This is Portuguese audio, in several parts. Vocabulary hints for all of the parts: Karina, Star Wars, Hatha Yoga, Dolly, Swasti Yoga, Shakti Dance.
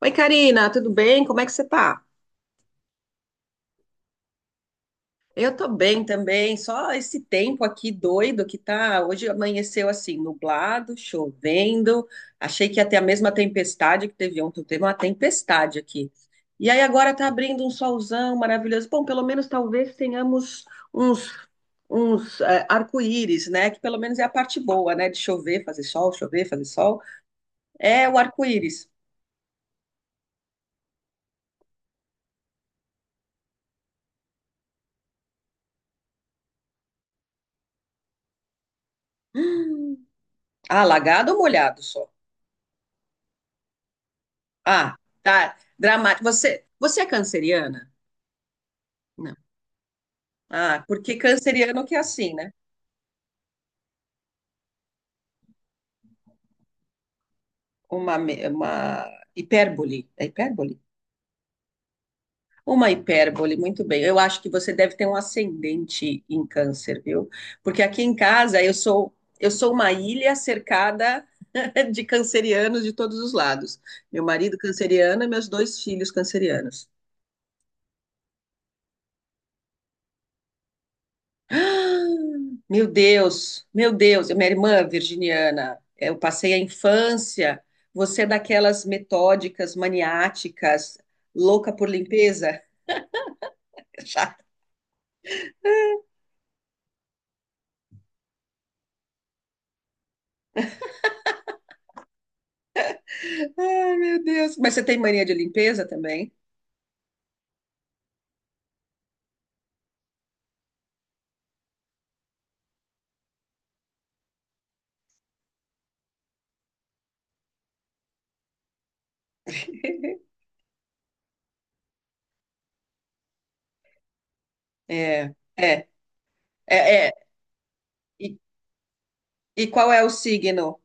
Oi, Karina, tudo bem? Como é que você tá? Eu tô bem também, só esse tempo aqui doido que tá. Hoje amanheceu assim, nublado, chovendo. Achei que ia ter a mesma tempestade que teve ontem, teve uma tempestade aqui. E aí agora tá abrindo um solzão maravilhoso. Bom, pelo menos talvez tenhamos uns, uns arco-íris, né? Que pelo menos é a parte boa, né? De chover, fazer sol, chover, fazer sol. É o arco-íris. Ah, lagado ou molhado só? Ah, tá. Dramático. Você, você é canceriana? Não. Ah, porque canceriano que é assim, né? Uma hipérbole. É hipérbole? Uma hipérbole, muito bem. Eu acho que você deve ter um ascendente em câncer, viu? Porque aqui em casa eu sou uma ilha cercada de cancerianos de todos os lados. Meu marido canceriano e meus dois filhos cancerianos. Meu Deus, minha irmã virginiana, eu passei a infância. Você é daquelas metódicas, maniáticas, louca por limpeza? Chata. Ai, meu Deus. Mas você tem mania de limpeza também? É, é, é, é. E, e qual é o signo?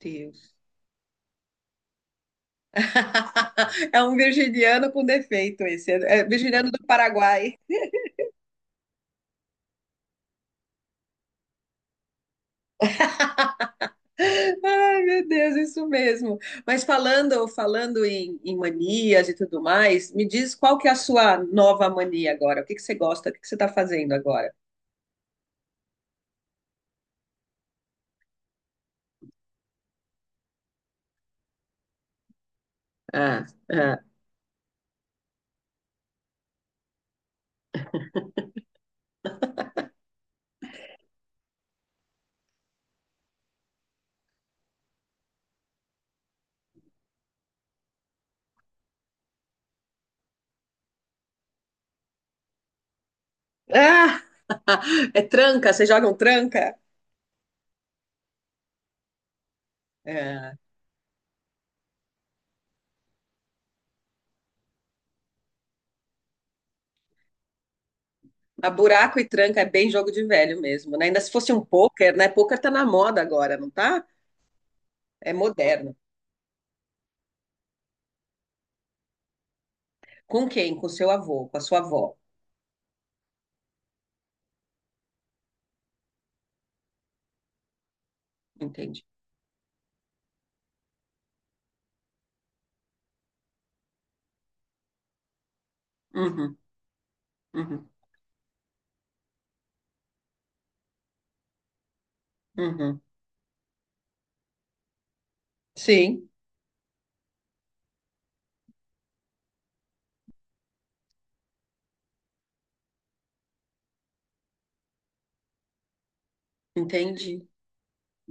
Deus. É um virginiano com defeito esse. É virginiano do Paraguai. Ai, meu Deus, isso mesmo. Mas falando, falando em manias e tudo mais, me diz qual que é a sua nova mania agora? O que que você gosta? O que que você está fazendo agora? Ah, ah. Ah, é tranca, você joga um tranca? É. A buraco e tranca é bem jogo de velho mesmo, né? Ainda se fosse um pôquer, né? Pôquer tá na moda agora, não tá? É moderno. Com quem? Com seu avô, com a sua avó, entende? Uhum, uhum, uhum. Sim, entendi.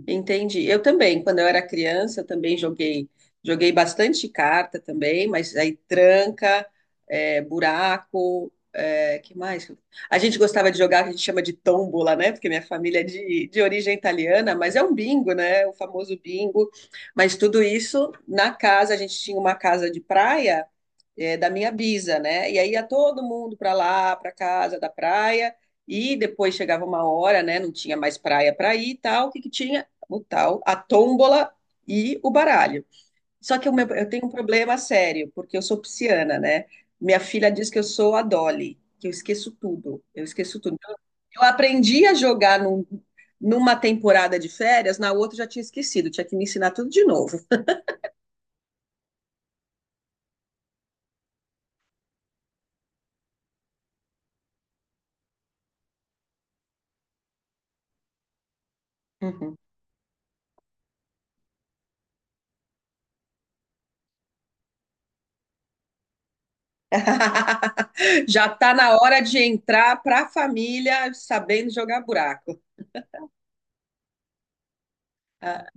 Entendi. Eu também, quando eu era criança, eu também joguei, joguei bastante carta também, mas aí tranca, é, buraco, é, que mais? A gente gostava de jogar, que a gente chama de tombola, né? Porque minha família é de origem italiana, mas é um bingo, né? O famoso bingo. Mas tudo isso na casa, a gente tinha uma casa de praia é, da minha bisa, né? E aí ia todo mundo para lá, para casa da praia, e depois chegava uma hora, né? Não tinha mais praia para ir e tal. O que que tinha? O tal, a tômbola e o baralho. Só que eu tenho um problema sério, porque eu sou pisciana, né? Minha filha diz que eu sou a Dolly, que eu esqueço tudo, eu esqueço tudo. Eu aprendi a jogar numa temporada de férias, na outra eu já tinha esquecido, tinha que me ensinar tudo de novo. Já tá na hora de entrar para a família sabendo jogar buraco. Ah,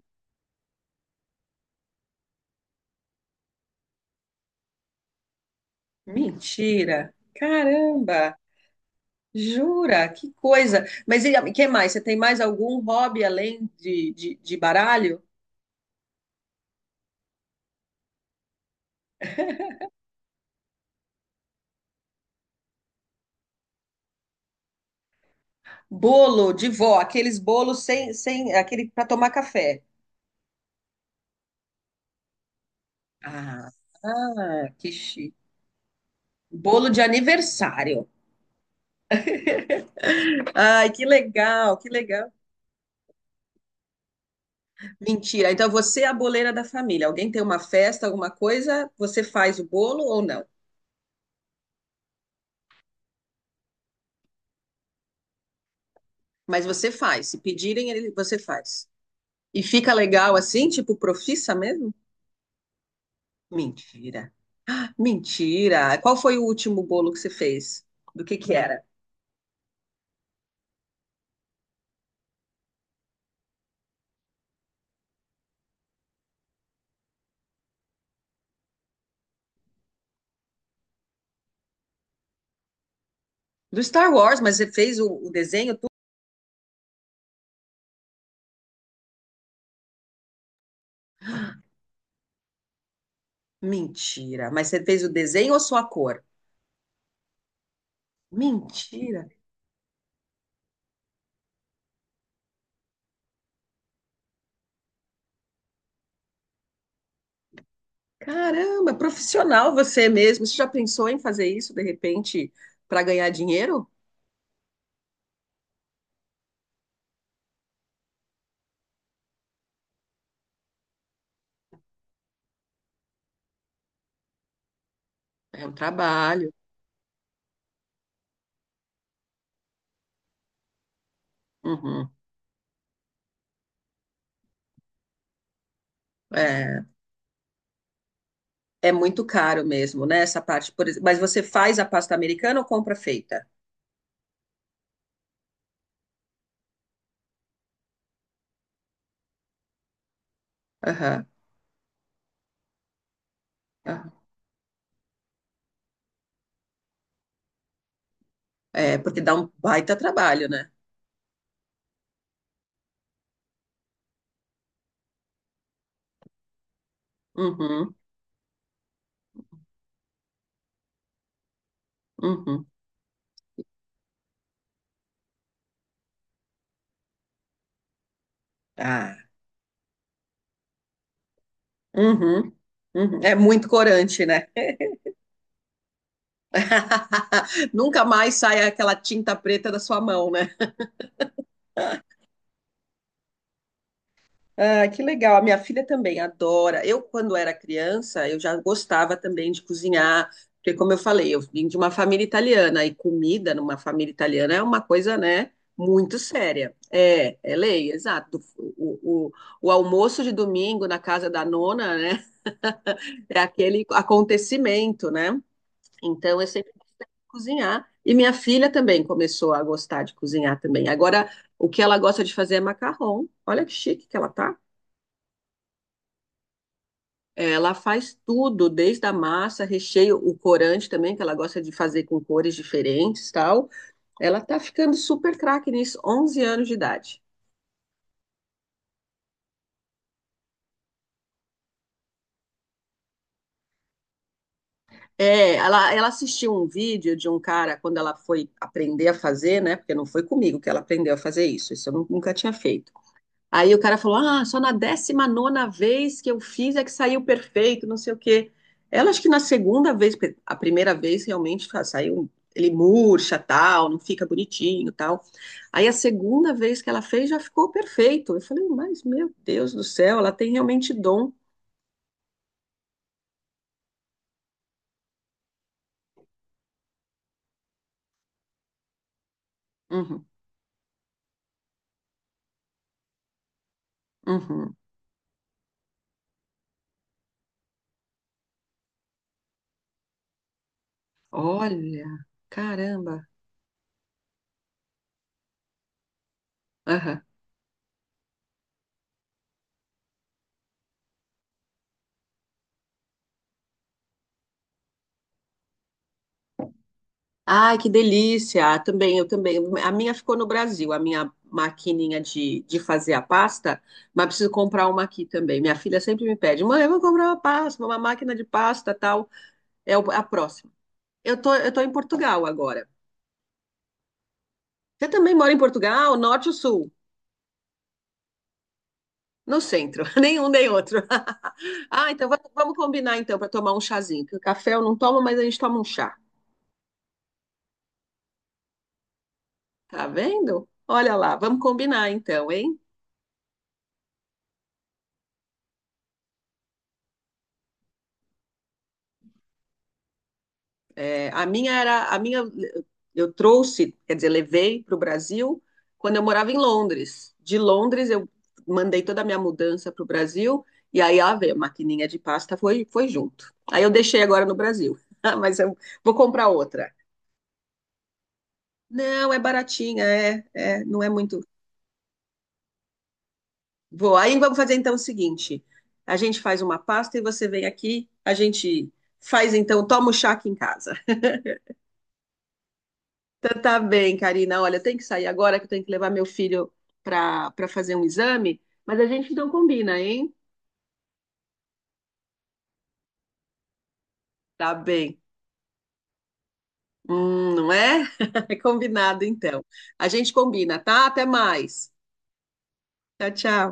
mentira! Caramba! Jura? Que coisa! Mas e que mais? Você tem mais algum hobby além de baralho? Bolo de vó, aqueles bolos sem aquele para tomar café. Ah, ah, que chique. Bolo de aniversário. Ai, que legal, que legal. Mentira. Então você é a boleira da família. Alguém tem uma festa, alguma coisa, você faz o bolo ou não? Mas você faz. Se pedirem, você faz. E fica legal assim, tipo profissa mesmo? Mentira. Mentira. Qual foi o último bolo que você fez? Do que era? Do Star Wars, mas você fez o desenho? Tudo? Mentira. Mas você fez o desenho ou só a cor? Mentira. Caramba, profissional você mesmo. Você já pensou em fazer isso de repente para ganhar dinheiro? É um trabalho. Uhum. É, é muito caro mesmo, né? Essa parte, por exemplo. Mas você faz a pasta americana ou compra feita? Aham, aham. É, porque dá um baita trabalho, né? Uhum, uhum. Ah, uhum, uhum. É muito corante, né? Nunca mais sai aquela tinta preta da sua mão, né? Ah, que legal. A minha filha também adora. Eu, quando era criança, eu já gostava também de cozinhar, porque, como eu falei, eu vim de uma família italiana e comida numa família italiana é uma coisa, né, muito séria. É, é lei, exato. O, o, o almoço de domingo na casa da nona, né, é aquele acontecimento, né? Então, eu sempre gostei de cozinhar. E minha filha também começou a gostar de cozinhar também. Agora, o que ela gosta de fazer é macarrão. Olha que chique que ela tá. É, ela faz tudo, desde a massa, recheio, o corante também, que ela gosta de fazer com cores diferentes, tal. Ela tá ficando super craque nisso, 11 anos de idade. É, ela assistiu um vídeo de um cara quando ela foi aprender a fazer, né? Porque não foi comigo que ela aprendeu a fazer isso, nunca tinha feito. Aí o cara falou: Ah, só na 19ª vez que eu fiz é que saiu perfeito, não sei o quê. Ela acho que na segunda vez, porque a primeira vez realmente saiu, ele murcha, tal, não fica bonitinho, tal. Aí a segunda vez que ela fez já ficou perfeito. Eu falei: Mas meu Deus do céu, ela tem realmente dom. Uhum, uhum. Olha, caramba. Aham. Ai, que delícia! Ah, também, eu também. A minha ficou no Brasil, a minha maquininha de fazer a pasta, mas preciso comprar uma aqui também. Minha filha sempre me pede, mãe, eu vou comprar uma pasta, uma máquina de pasta, tal. É a próxima. Eu tô em Portugal agora. Você também mora em Portugal, norte ou sul? No centro, nenhum nem outro. Ah, então vamos combinar então para tomar um chazinho, porque o café eu não tomo, mas a gente toma um chá. Tá vendo? Olha lá, vamos combinar então, hein? É, a minha era, a minha eu trouxe, quer dizer, levei para o Brasil quando eu morava em Londres. De Londres eu mandei toda a minha mudança para o Brasil e aí a maquininha de pasta foi junto. Aí eu deixei agora no Brasil, mas eu vou comprar outra. Não, é baratinha, é, é, não é muito. Vou. Aí vamos fazer então o seguinte: a gente faz uma pasta e você vem aqui, a gente faz então, toma o chá aqui em casa. Então tá bem, Karina. Olha, eu tenho que sair agora que eu tenho que levar meu filho para fazer um exame, mas a gente não combina, hein? Tá bem. Não é? É combinado então. A gente combina, tá? Até mais. Tchau, tchau.